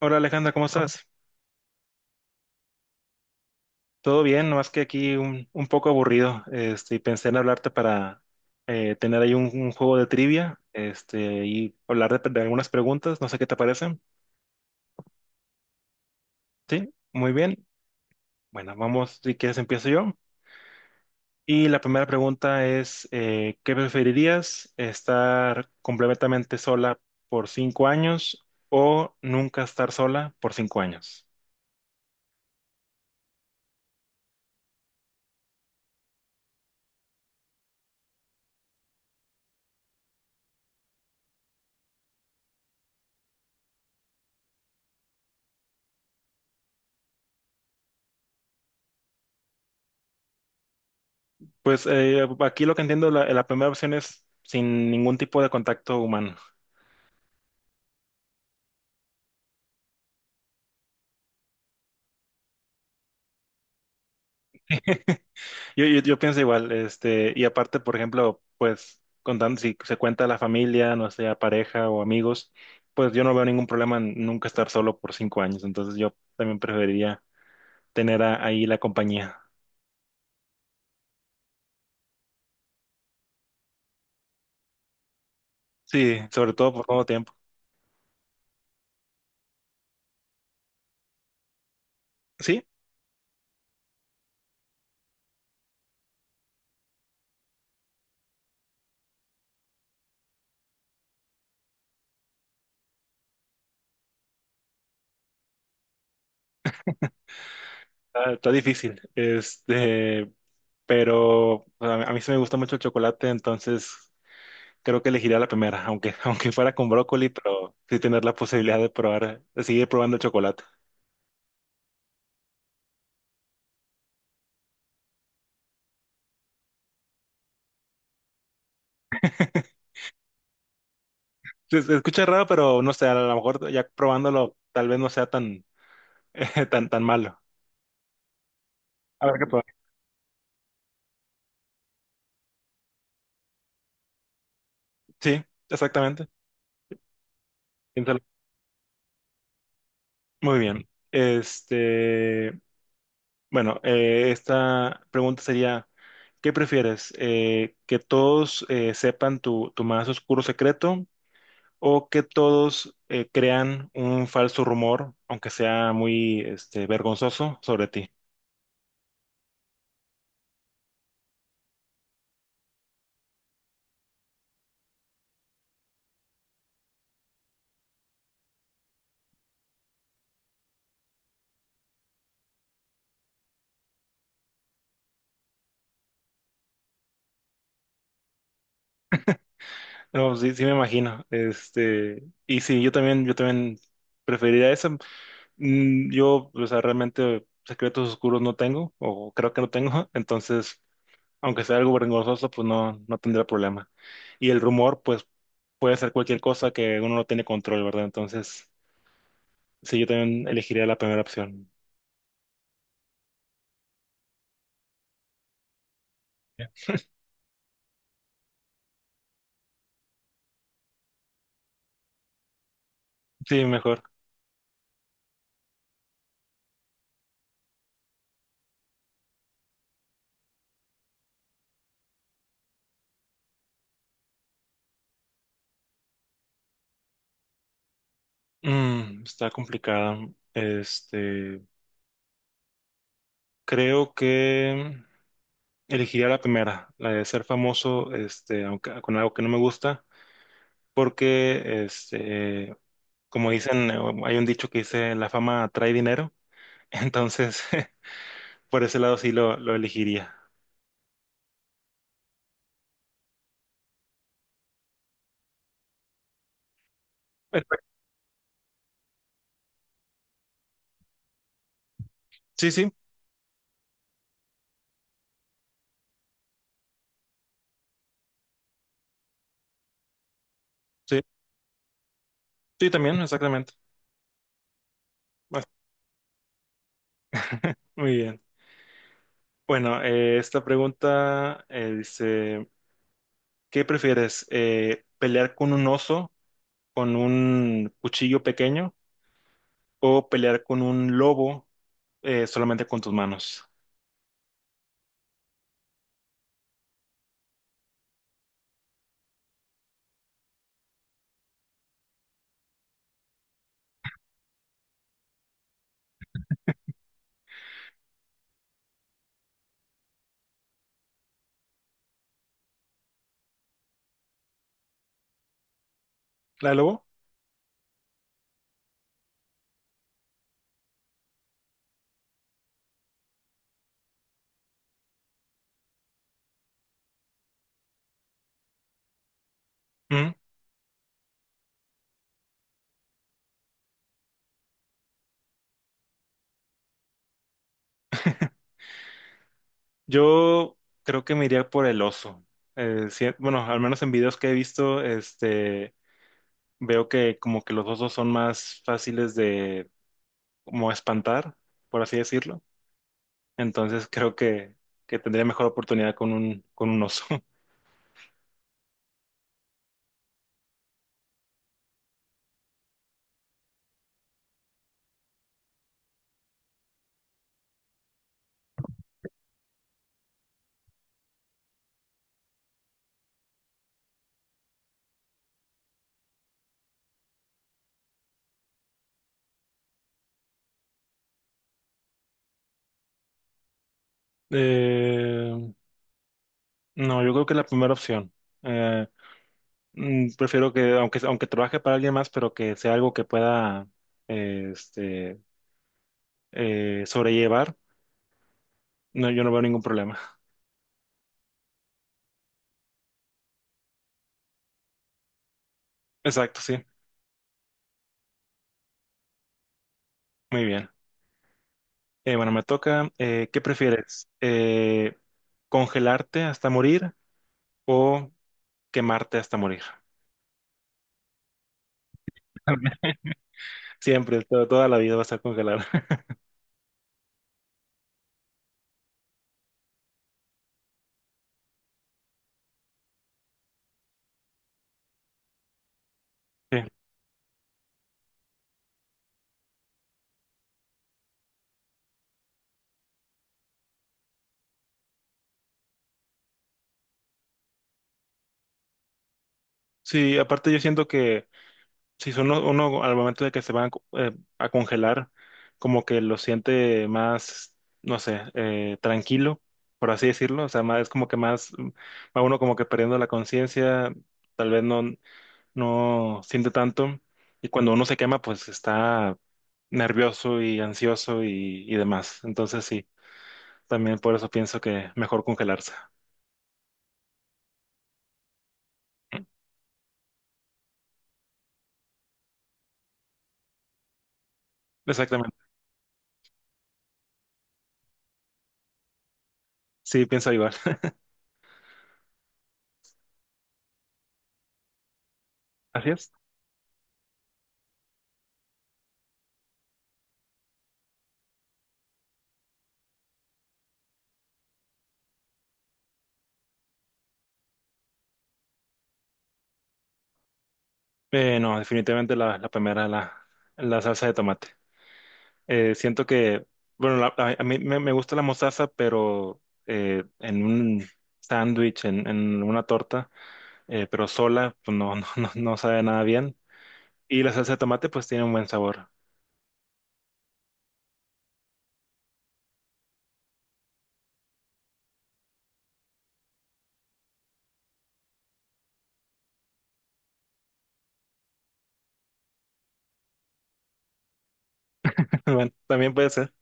Hola Alejandra, ¿cómo estás? Todo bien, nomás que aquí un poco aburrido. Este, y pensé en hablarte para tener ahí un juego de trivia, este, y hablar de algunas preguntas. No sé qué te parecen. Sí, muy bien. Bueno, vamos, si quieres empiezo yo. Y la primera pregunta es, ¿qué preferirías? ¿Estar completamente sola por 5 años o nunca estar sola por 5 años? Pues aquí lo que entiendo, la primera opción es sin ningún tipo de contacto humano. Yo pienso igual, este, y aparte, por ejemplo, pues contando si se cuenta la familia, no sea pareja o amigos, pues yo no veo ningún problema en nunca estar solo por 5 años, entonces yo también preferiría tener ahí la compañía. Sí, sobre todo por todo tiempo. Sí, está difícil, este, pero a mí sí me gusta mucho el chocolate, entonces creo que elegiría la primera, aunque fuera con brócoli, pero sí tener la posibilidad de probar, de seguir probando el chocolate. Se escucha raro, pero no sé, a lo mejor ya probándolo tal vez no sea tan, tan malo. A ver qué probar. Sí, exactamente. Piénsalo. Muy bien. Este, bueno, esta pregunta sería, ¿qué prefieres? ¿Que todos sepan tu más oscuro secreto o que todos crean un falso rumor, aunque sea muy este, vergonzoso, sobre ti? No, sí, sí me imagino. Este, y sí, yo también preferiría eso. Yo, o sea, realmente secretos oscuros no tengo, o creo que no tengo, entonces, aunque sea algo vergonzoso, pues no tendría problema. Y el rumor, pues puede ser cualquier cosa que uno no tiene control, ¿verdad? Entonces, sí, yo también elegiría la primera opción. Sí, mejor. Está complicada. Este, creo que elegiría la primera, la de ser famoso, este, aunque con algo que no me gusta, porque este como dicen, hay un dicho que dice, la fama trae dinero, entonces por ese lado sí lo elegiría. Perfecto. Sí, sí, sí, sí, también, exactamente. Ah, muy bien. Bueno, esta pregunta dice, ¿qué prefieres? ¿Pelear con un oso con un cuchillo pequeño o pelear con un lobo solamente con tus manos? ¿La del lobo? Mm. Yo creo que me iría por el oso. Sí, bueno, al menos en videos que he visto, veo que como que los osos son más fáciles de como espantar, por así decirlo. Entonces creo que tendría mejor oportunidad con un oso. Eh, no, yo creo que es la primera opción. Eh, Prefiero que, aunque trabaje para alguien más, pero que sea algo que pueda este, sobrellevar, no, yo no veo ningún problema. Exacto, sí. Muy bien. Bueno, me toca. ¿Qué prefieres? ¿Congelarte hasta morir? O quemarte hasta morir. Siempre, toda la vida vas a congelar. Sí, sí, aparte yo siento que si son uno al momento de que se van a congelar, como que lo siente más, no sé, tranquilo, por así decirlo. O sea, más, es como que más, va uno como que perdiendo la conciencia, tal vez no, no siente tanto. Y cuando uno se quema, pues está nervioso y ansioso y demás. Entonces sí, también por eso pienso que mejor congelarse. Exactamente. Sí, pienso igual. Así es. No, definitivamente la, la primera, la salsa de tomate. Siento que, bueno, a, a mí me gusta la mostaza, pero en un sándwich, en una torta, pero sola, pues no, no sabe nada bien. Y la salsa de tomate, pues tiene un buen sabor. Bueno, también puede ser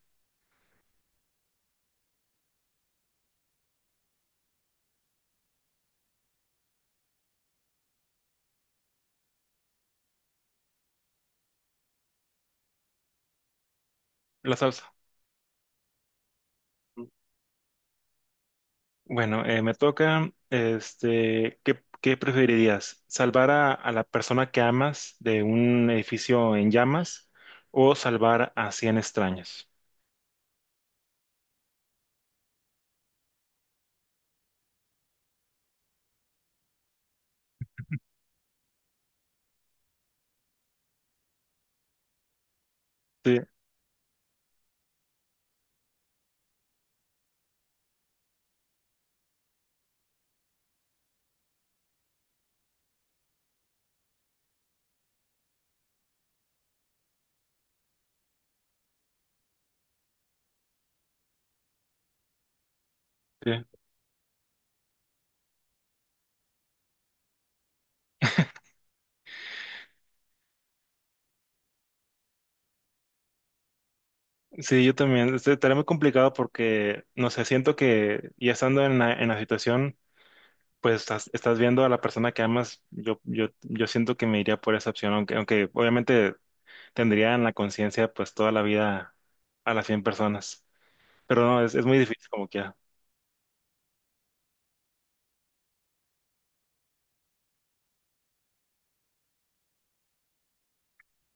la salsa. Bueno, me toca, este, ¿qué preferirías? ¿Salvar a la persona que amas de un edificio en llamas o salvar a 100 extraños? Sí, sí. Sí, yo también. Este, estaría muy complicado porque, no sé, siento que ya estando en la situación, pues estás viendo a la persona que amas, yo siento que me iría por esa opción, aunque obviamente tendría en la conciencia pues toda la vida a las 100 personas, pero no, es muy difícil como quiera.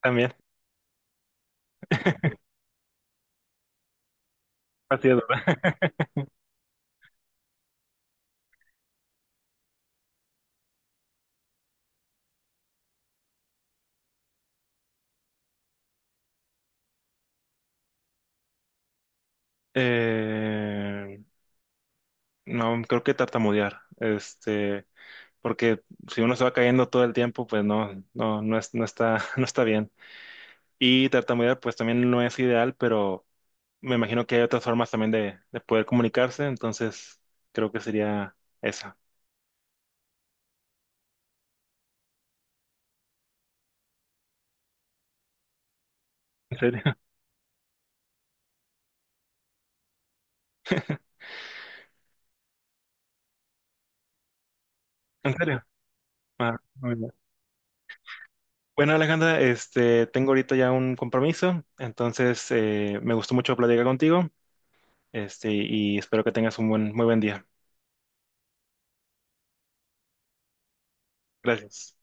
También. Así es, ¿verdad? Eh, no, creo que tartamudear, este, porque si uno se va cayendo todo el tiempo, pues no es, no está, no está bien. Y tartamudear, pues también no es ideal, pero me imagino que hay otras formas también de poder comunicarse, entonces creo que sería esa. ¿En serio? ¿En serio? Ah, muy bien. Bueno, Alejandra, este, tengo ahorita ya un compromiso, entonces me gustó mucho platicar contigo, este, y espero que tengas un buen, muy buen día. Gracias.